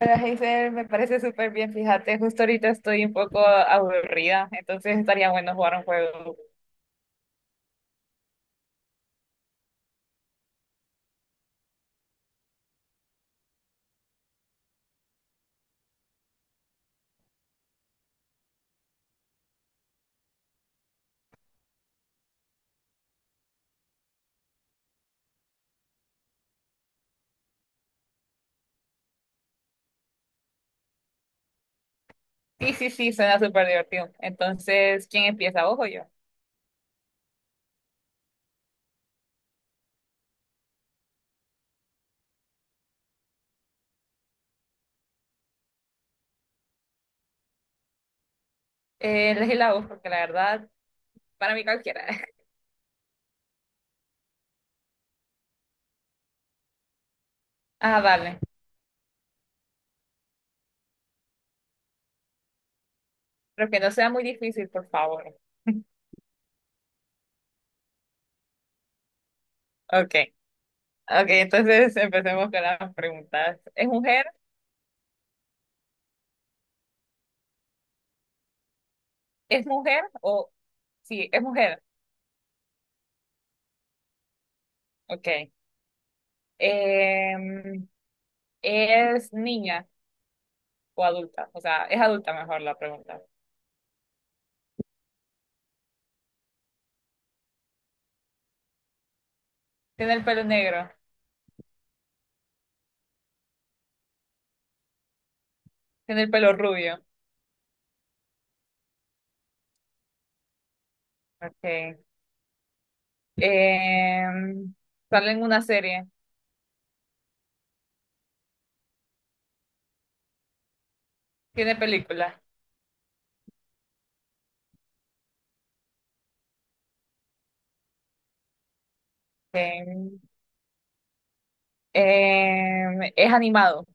Hola, Hazel, me parece súper bien. Fíjate, justo ahorita estoy un poco aburrida, entonces estaría bueno jugar un juego. Sí, sí, sí, suena súper divertido. Entonces, ¿quién empieza? ¿Vos o yo? Elegí la voz, porque la verdad, para mí cualquiera. Ah, vale. Pero que no sea muy difícil, por favor. Ok, ok, entonces empecemos con las preguntas. ¿Es mujer? ¿Es mujer o...? Sí, es mujer. Ok. Em, ¿Es niña o adulta? O sea, es adulta mejor la pregunta. Tiene el pelo negro, tiene el pelo rubio. Okay. Em, Sale en una serie, tiene película. Em, es animado.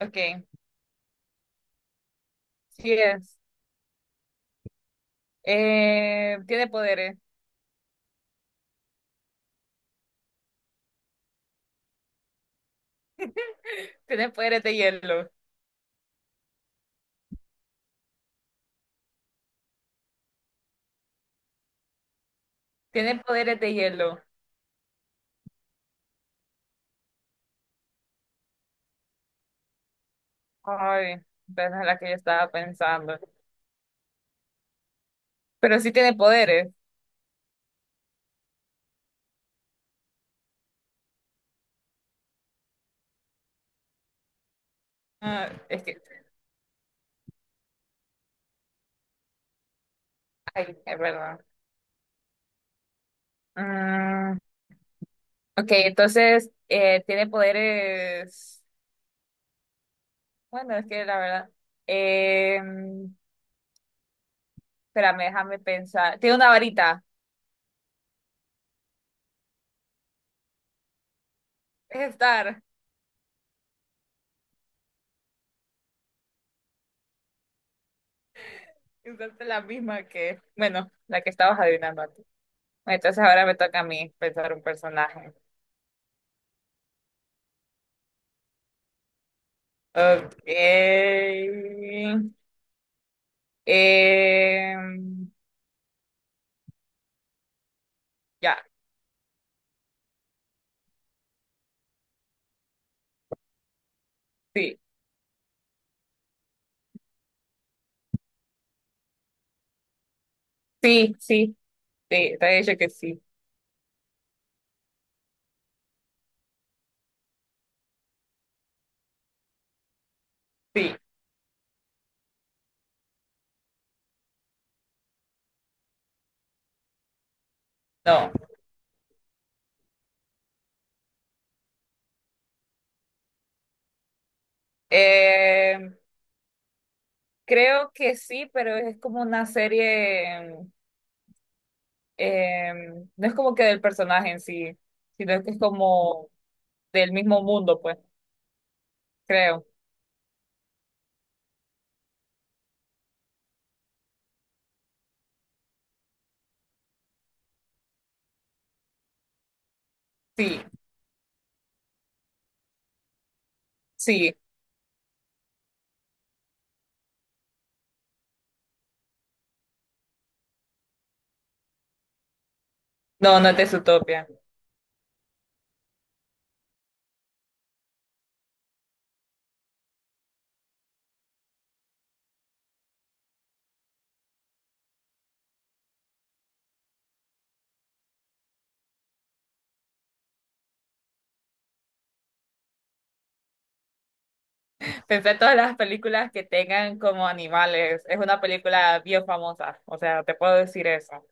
Okay. Sí es. Tiene poderes, tiene poderes de hielo, tiene poderes de hielo. Ay, esa es la que yo estaba pensando. Pero sí tiene poderes. Ah, es que, ay, es verdad. Mm, ok, entonces tiene poderes. Bueno, es que la verdad. em, Espérame, déjame pensar. Tiene una varita. Es Star. Exacto, la misma que. Bueno, la que estabas adivinando antes. Bueno, entonces ahora me toca a mí pensar un personaje. Ok. Em, ya. Sí. Sí, sí. Sí, te he dicho que sí. Sí. No. Em, Creo que sí, pero es como una serie. Eh, no es como que del personaje en sí, sino que es como del mismo mundo, pues, creo. Sí, sí. No, no es de Zootopia. Pensé en todas las películas que tengan como animales. Es una película bien famosa. O sea, te puedo decir eso.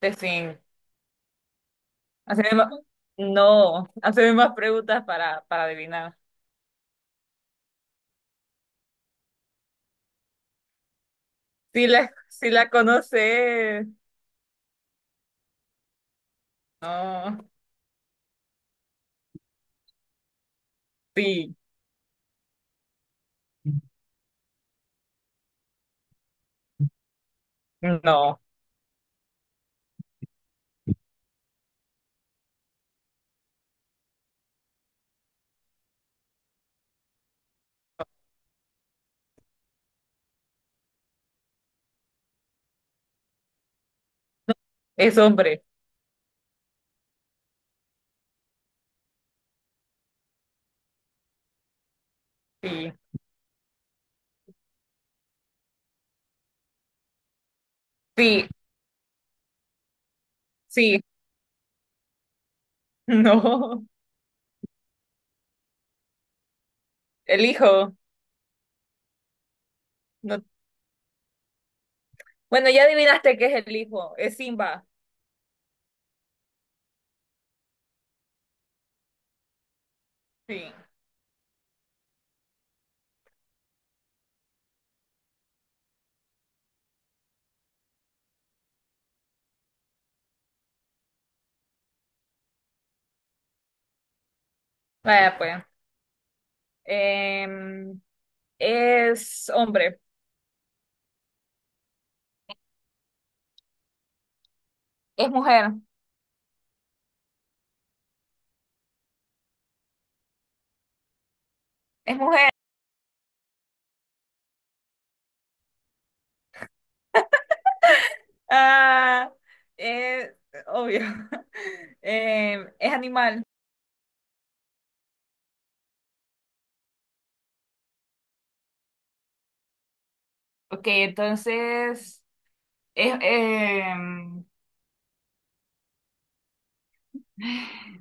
De fin. Haceme más- No, haceme más preguntas para adivinar. Si la conoces. No. Sí. No. Es hombre. Sí. Sí. Sí. No. El hijo. No- Bueno, ya adivinaste que es el hijo. Es Simba. Sí. Vaya, pues. Em, es hombre. Es mujer. Es mujer. Ah, es obvio. Em, es animal. Ok, entonces. Es, em,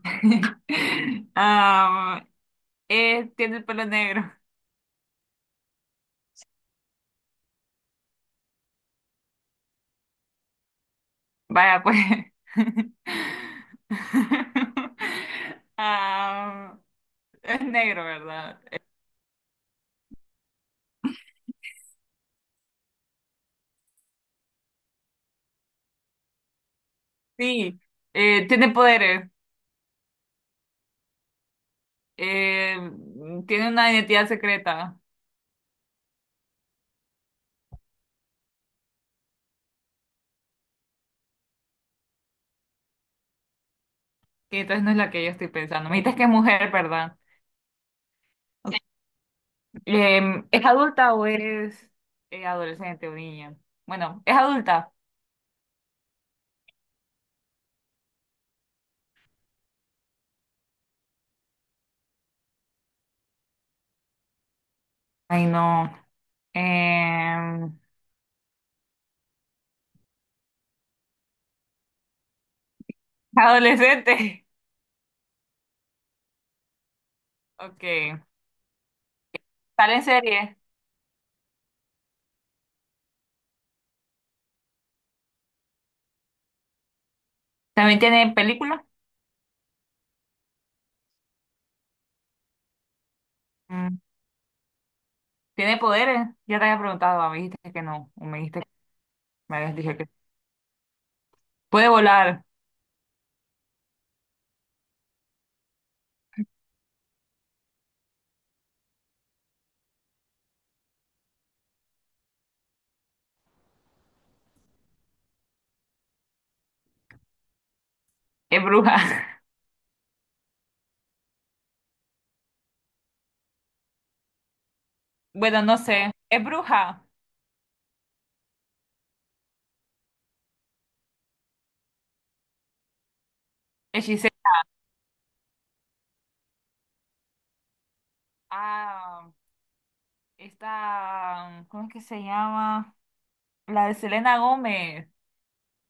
am, es- tiene el pelo negro. Vaya, pues. Am, Es negro, ¿verdad? Sí. Tiene poderes. Tiene una identidad secreta, que entonces no es la que yo estoy pensando. Me dices que es mujer, ¿verdad? ¿Es adulta o es adolescente o niña? Bueno, es adulta. Ay, no. Eh, Adolescente. Ok. ¿Sale en serie? ¿También tiene película? Mm, ¿tiene poderes? Ya te había preguntado, me dijiste que no, o me dijiste, me habías dicho que puede volar, es bruja. Bueno, no sé. Es bruja. Hechicera. Ah, esta. ¿Cómo es que se llama? La de Selena Gómez.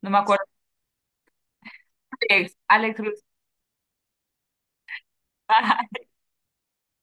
No me acuerdo. Alex, Alex Ruiz.